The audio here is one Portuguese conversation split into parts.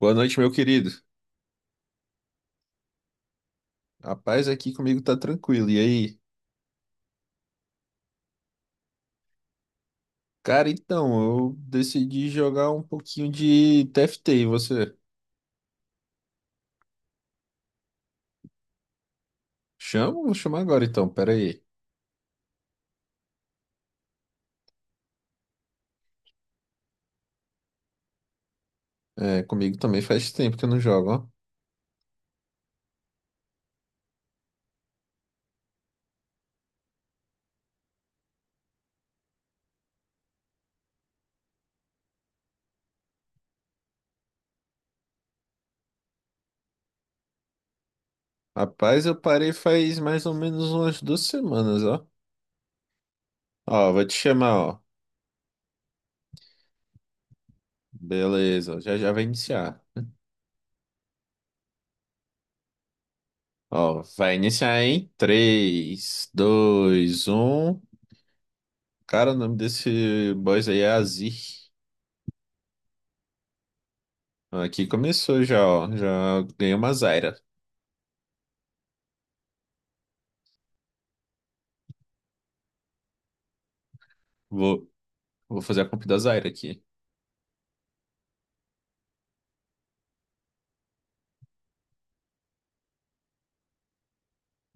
Boa noite, meu querido. A paz aqui comigo tá tranquilo. E aí? Cara, então, eu decidi jogar um pouquinho de TFT. E você? Chama? Vou chamar agora então, pera aí. É, comigo também faz tempo que eu não jogo, ó. Rapaz, eu parei faz mais ou menos umas 2 semanas, ó. Ó, vou te chamar, ó. Beleza, já já vai iniciar. Ó, vai iniciar em 3 2 1. Cara, o nome desse boss aí é Azir. Aqui começou já, ó. Já ganhei uma Zyra. Vou, vou fazer a comp da Zyra aqui.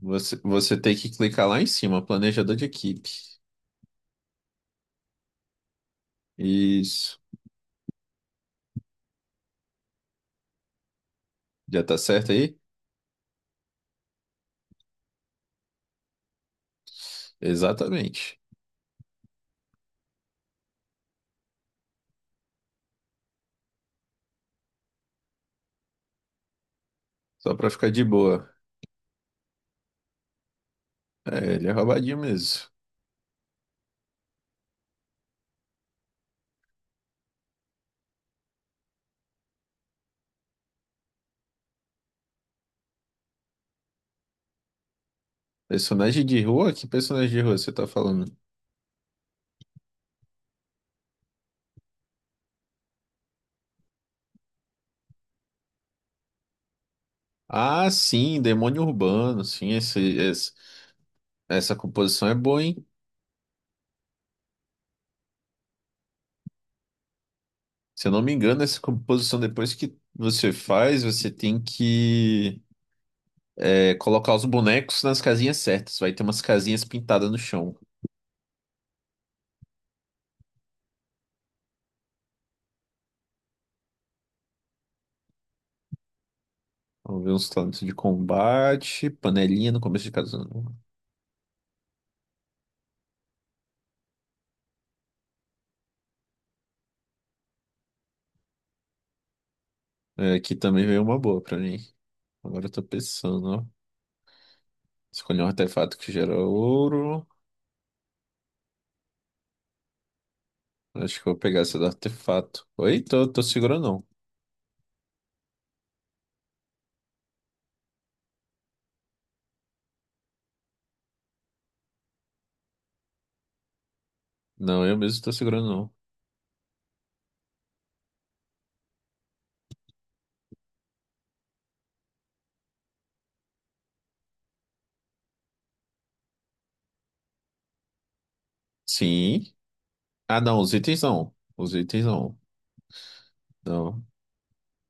Você tem que clicar lá em cima, planejador de equipe. Isso. Já tá certo aí? Exatamente. Só pra ficar de boa. É, ele é roubadinho mesmo. Personagem de rua? Que personagem de rua você tá falando? Ah, sim, demônio urbano. Sim, essa composição é boa, hein? Se eu não me engano, essa composição, depois que você faz, você tem que é, colocar os bonecos nas casinhas certas. Vai ter umas casinhas pintadas no chão. Vamos ver uns talentos de combate, panelinha no começo de cada zona. É, aqui também veio uma boa pra mim. Agora eu tô pensando, ó. Escolhi um artefato que gera ouro. Acho que eu vou pegar esse do artefato. Oi, tô segurando não. Não, eu mesmo tô segurando não. Sim. Ah, não, os itens não. Os itens não. Não.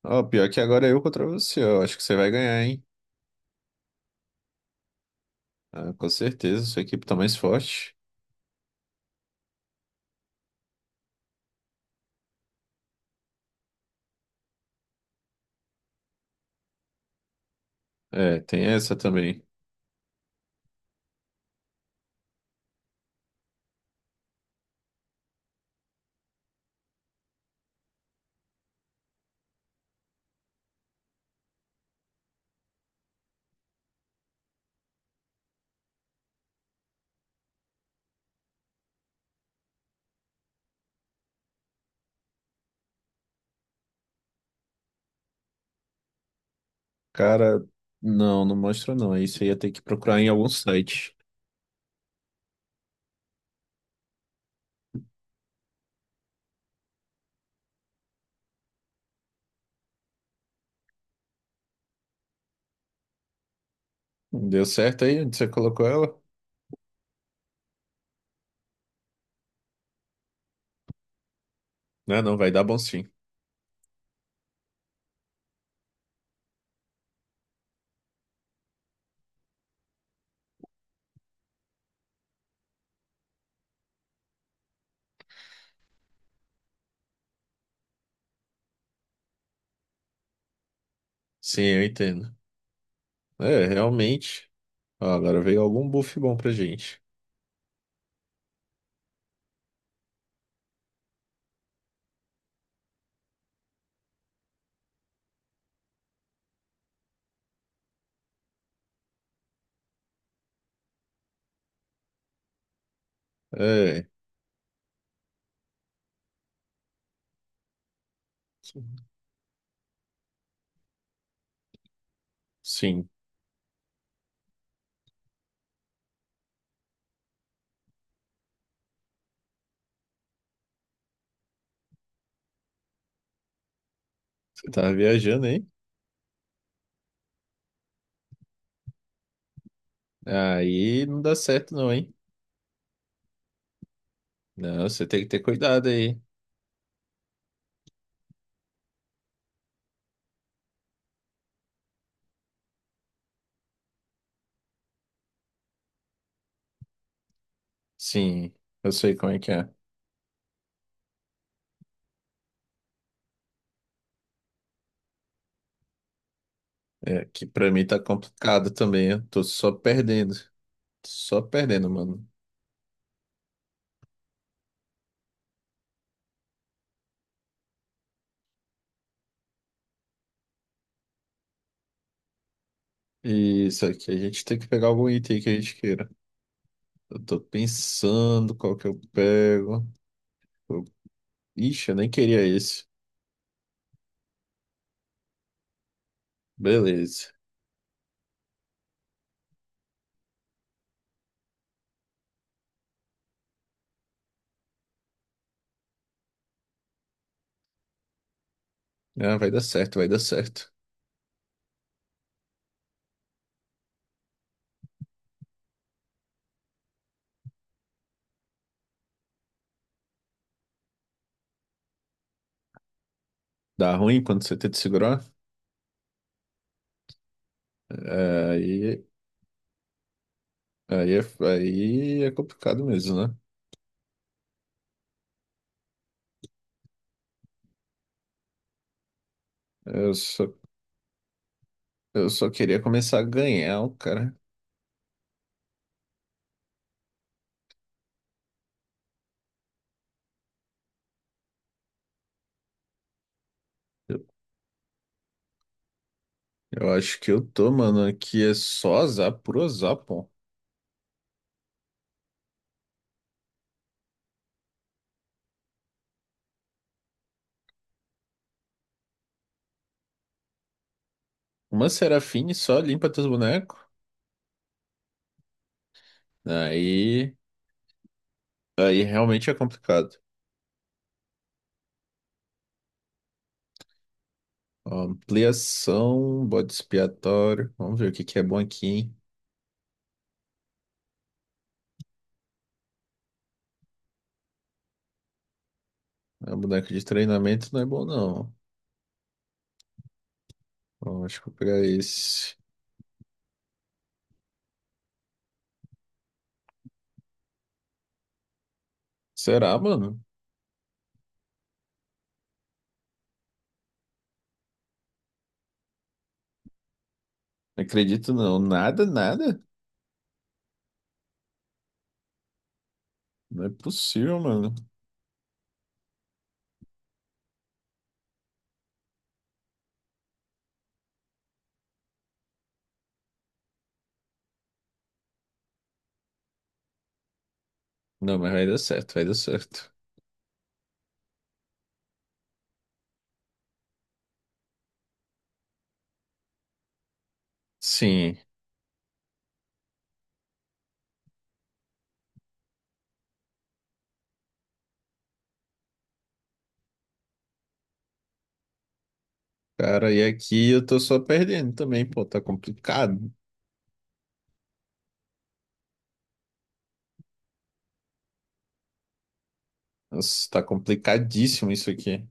Ó, pior que agora é eu contra você, ó. Acho que você vai ganhar, hein? Ah, com certeza, sua equipe tá mais forte. É, tem essa também. Cara, não, não mostra não. Aí você ia ter que procurar em algum site. Deu certo aí onde você colocou ela? Não, é não, vai dar bom sim. Sim, eu entendo. É, realmente. Ó, agora veio algum buff bom pra gente. É, sim. Você tava viajando, hein? Aí não dá certo não, hein? Não, você tem que ter cuidado aí. Sim, eu sei como é que é. É, que pra mim tá complicado também. Eu tô só perdendo. Só perdendo, mano. E só que a gente tem que pegar algum item que a gente queira. Eu tô pensando qual que eu pego. Eu- Ixi, eu nem queria esse. Beleza. Ah, vai dar certo, vai dar certo. Dá ruim quando você tenta segurar? É. Aí, é, aí é complicado mesmo, né? Eu só, eu só queria começar a ganhar, cara. Eu eu acho que eu tô, mano. Aqui é só azar por azar, pô. Uma Serafine só limpa teus bonecos? Aí, aí realmente é complicado. Ampliação, bode expiatório. Vamos ver o que que é bom aqui, hein? Ah, boneco de treinamento não é bom, não. Ó, acho que eu vou pegar esse. Será, mano? Não acredito, não. Nada, nada. Não é possível, mano. Não, mas vai dar certo, vai dar certo. Sim. Cara, e aqui eu tô só perdendo também, pô. Tá complicado. Nossa, tá complicadíssimo isso aqui.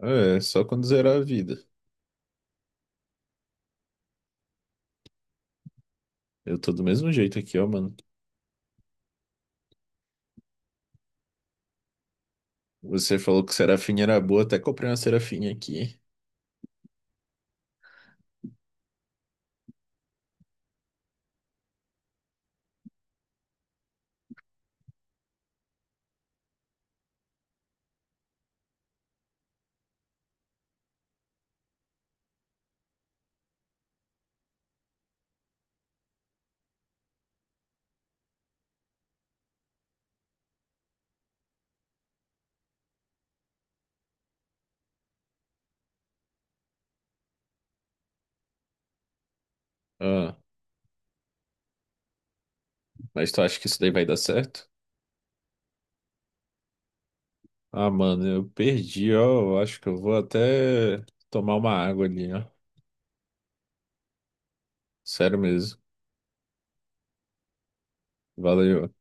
É, só quando zerar a vida. Eu tô do mesmo jeito aqui, ó, mano. Você falou que Serafinha era boa, até comprei uma Serafinha aqui. Ah, mas tu acha que isso daí vai dar certo? Ah, mano, eu perdi, ó. Eu acho que eu vou até tomar uma água ali, ó. Sério mesmo. Valeu.